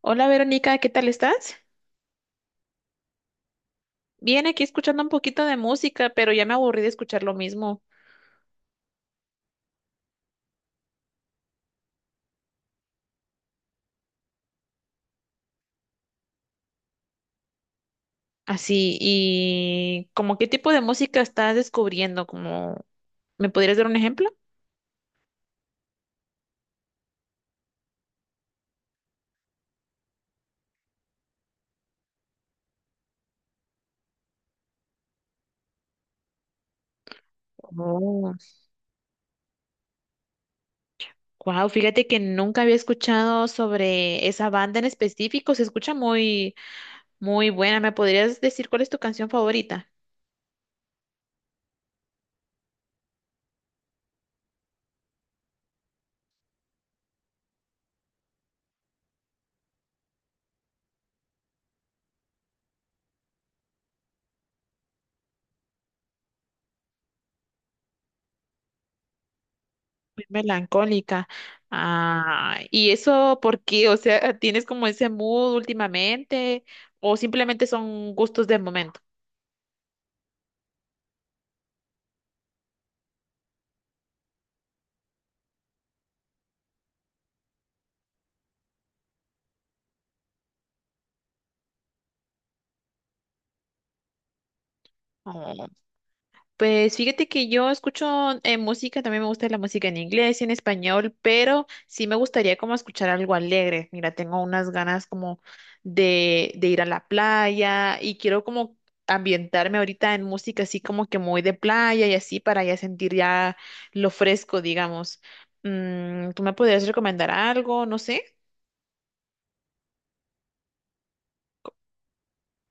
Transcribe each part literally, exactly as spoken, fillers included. Hola, Verónica, ¿qué tal estás? Bien, aquí escuchando un poquito de música, pero ya me aburrí de escuchar lo mismo. Así, ¿y como qué tipo de música estás descubriendo, como me podrías dar un ejemplo? Oh, wow, fíjate que nunca había escuchado sobre esa banda en específico, se escucha muy, muy buena. ¿Me podrías decir cuál es tu canción favorita? Muy melancólica. Ah, ¿y eso por qué? O sea, ¿tienes como ese mood últimamente o simplemente son gustos del momento? Oh, pues fíjate que yo escucho eh, música, también me gusta la música en inglés y en español, pero sí me gustaría como escuchar algo alegre. Mira, tengo unas ganas como de, de ir a la playa y quiero como ambientarme ahorita en música así como que muy de playa y así para ya sentir ya lo fresco, digamos. Mm, ¿tú me podrías recomendar algo? No sé.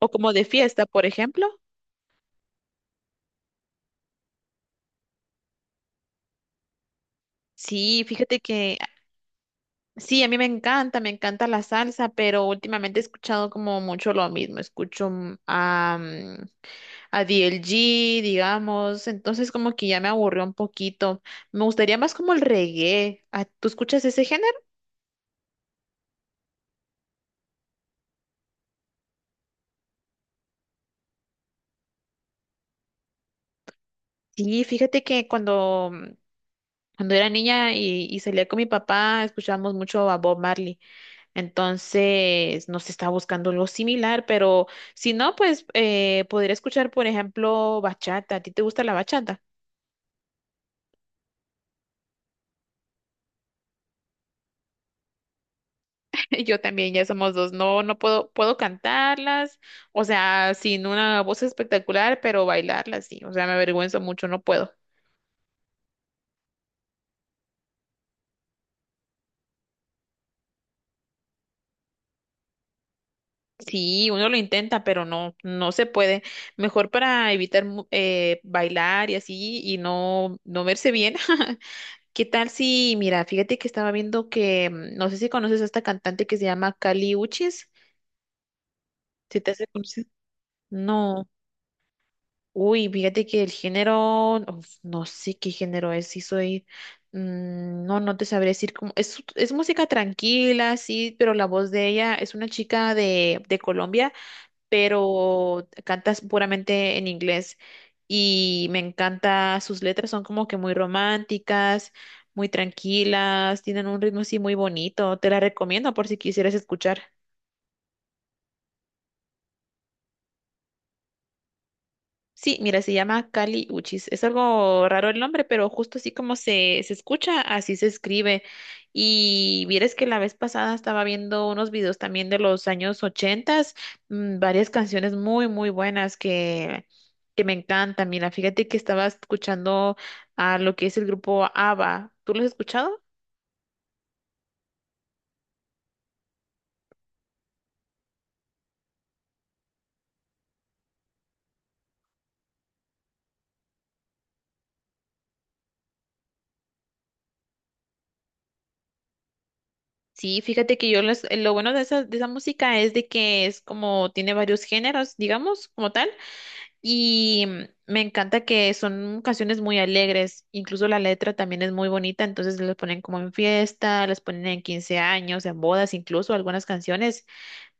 O como de fiesta, por ejemplo. Sí, fíjate que sí, a mí me encanta, me encanta la salsa, pero últimamente he escuchado como mucho lo mismo. Escucho mm, a, mm, a D L G, digamos, entonces como que ya me aburrió un poquito. Me gustaría más como el reggae. Ah, ¿tú escuchas ese género? Sí, fíjate que cuando, mm, cuando era niña y, y salía con mi papá, escuchábamos mucho a Bob Marley. Entonces nos estaba buscando algo similar, pero si no, pues eh, podría escuchar, por ejemplo, bachata. ¿A ti te gusta la bachata? Y Yo también, ya somos dos. No, no puedo, puedo cantarlas, o sea, sin una voz espectacular, pero bailarlas sí. O sea, me avergüenzo mucho, no puedo. Sí, uno lo intenta, pero no, no se puede. Mejor para evitar mu- eh, bailar y así y no, no verse bien. ¿Qué tal si, mira, fíjate que estaba viendo que, mm, no sé si conoces a esta cantante que se llama Kali Uchis, si te hace conocer? No. Uy, fíjate que el género, uf, no sé qué género es, si soy, mm, no, no te sabré decir cómo, es, es música tranquila, sí, pero la voz de ella, es una chica de, de Colombia, pero canta puramente en inglés y me encanta, sus letras son como que muy románticas, muy tranquilas, tienen un ritmo así muy bonito, te la recomiendo por si quisieras escuchar. Sí, mira, se llama Kali Uchis. Es algo raro el nombre, pero justo así como se, se escucha, así se escribe. Y vieres que la vez pasada estaba viendo unos videos también de los años ochentas, mm, varias canciones muy, muy buenas que, que me encantan. Mira, fíjate que estaba escuchando a lo que es el grupo ABBA. ¿Tú lo has escuchado? Sí, fíjate que yo los- lo bueno de esa, de esa música es de que es como tiene varios géneros, digamos, como tal. Y mm, me encanta que son canciones muy alegres, incluso la letra también es muy bonita, entonces las ponen como en fiesta, las ponen en quince años, en bodas, incluso algunas canciones,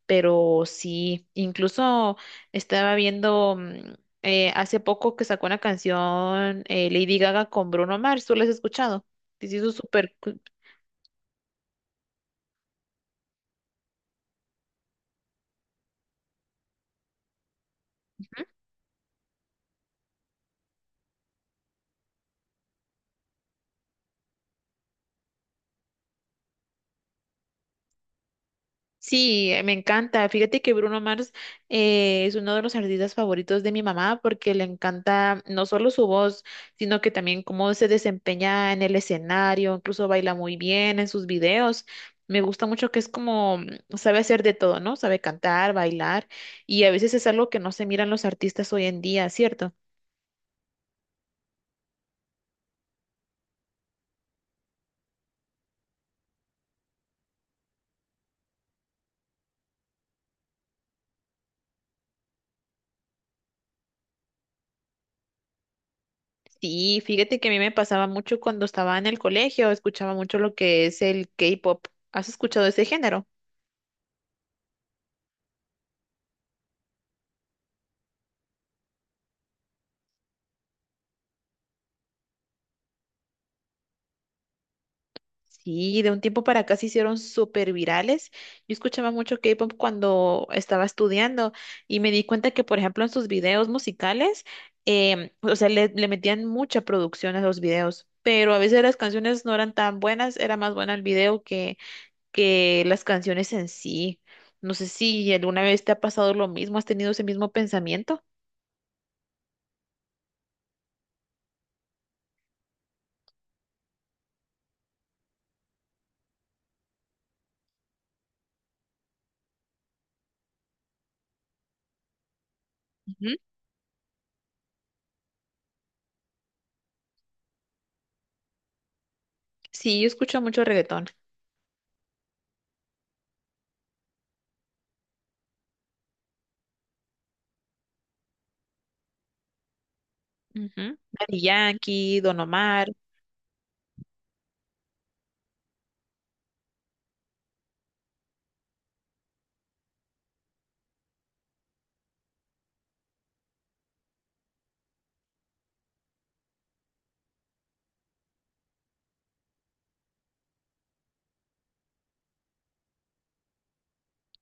pero sí, incluso estaba viendo mm, eh, hace poco que sacó una canción eh, Lady Gaga con Bruno Mars, ¿tú la has escuchado? Sí, se hizo súper. Sí, eh, me encanta. Fíjate que Bruno Mars eh, es uno de los artistas favoritos de mi mamá porque le encanta no solo su voz, sino que también cómo se desempeña en el escenario, incluso baila muy bien en sus videos. Me gusta mucho que es como, mm, sabe hacer de todo, ¿no? Sabe cantar, bailar y a veces es algo que no se miran los artistas hoy en día, ¿cierto? Sí, fíjate que a mí me pasaba mucho cuando estaba en el colegio, escuchaba mucho lo que es el K-pop. ¿Has escuchado ese género? Sí, de un tiempo para acá se hicieron súper virales. Yo escuchaba mucho K-pop cuando estaba estudiando y me di cuenta que, por ejemplo, en sus videos musicales, em, o sea, le, le metían mucha producción a los videos, pero a veces las canciones no eran tan buenas, era más buena el video que, que las canciones en sí. No sé si alguna vez te ha pasado lo mismo, has tenido ese mismo pensamiento. Ujú. Sí, yo escucho mucho reggaetón. Ujú. Daddy Yankee, Don Omar.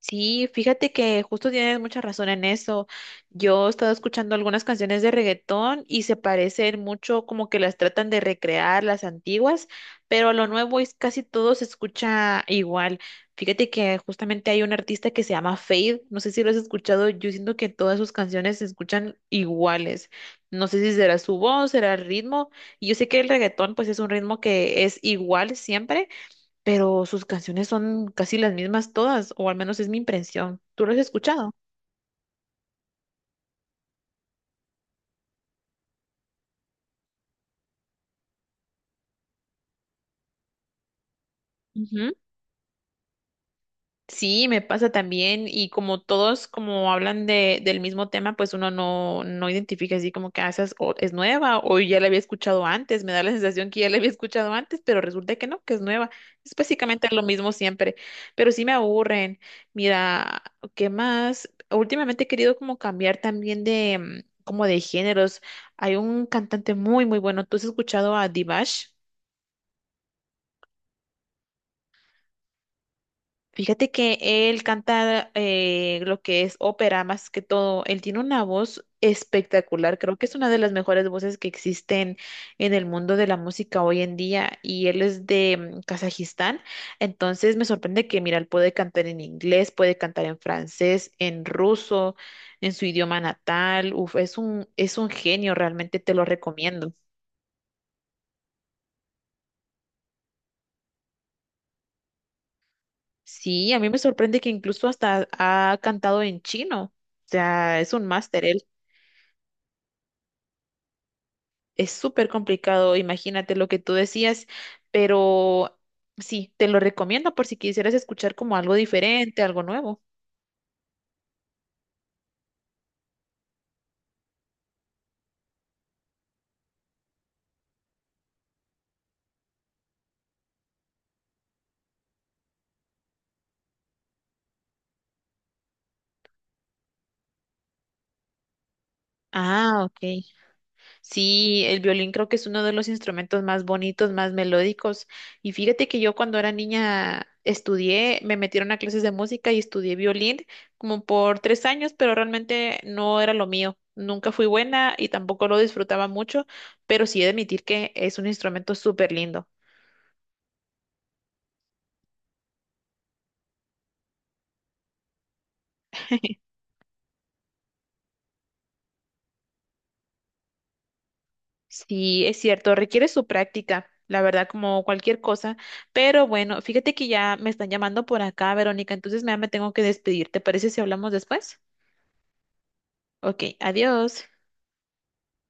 Sí, fíjate que justo tienes mucha razón en eso. Yo he estado escuchando algunas canciones de reggaetón y se parecen mucho como que las tratan de recrear las antiguas, pero lo nuevo es casi todo se escucha igual. Fíjate que justamente hay un artista que se llama Fade, no sé si lo has escuchado, yo siento que todas sus canciones se escuchan iguales. No sé si será su voz, será el ritmo. y Yo sé que el reggaetón pues es un ritmo que es igual siempre, pero sus canciones son casi las mismas todas, o al menos es mi impresión. ¿Tú lo has escuchado? Ujú. Sí, me pasa también y como todos como hablan de, del mismo tema, pues uno no, no identifica así como que ah, esa es, o- es nueva o ya la había escuchado antes, me da la sensación que ya la había escuchado antes, pero resulta que no, que es nueva. Es básicamente lo mismo siempre, pero sí me aburren. Mira, ¿qué más? Últimamente he querido como cambiar también de mm, como de géneros. Hay un cantante muy muy bueno, ¿tú has escuchado a Divash? Fíjate que él canta eh, lo que es ópera más que todo. Él tiene una voz espectacular. Creo que es una de las mejores voces que existen en el mundo de la música hoy en día. Y él es de mm, Kazajistán. Entonces me sorprende que, mira, él puede cantar en inglés, puede cantar en francés, en ruso, en su idioma natal. Uf, es un, es un genio, realmente te lo recomiendo. Sí, a mí me sorprende que incluso hasta ha cantado en chino. O sea, es un máster. Es súper complicado, imagínate lo que tú decías, pero sí, te lo recomiendo por si quisieras escuchar como algo diferente, algo nuevo. Ah, ok. Sí, el violín creo que es uno de los instrumentos más bonitos, más melódicos. Y fíjate que yo cuando era niña estudié, me metieron a clases de música y estudié violín como por tres años, pero realmente no era lo mío. Nunca fui buena y tampoco lo disfrutaba mucho, pero sí he de admitir que es un instrumento súper lindo. Sí, es cierto, requiere su práctica, la verdad, como cualquier cosa. Pero bueno, fíjate que ya me están llamando por acá, Verónica, entonces me, me tengo que despedir. ¿Te parece si hablamos después? Ok, adiós.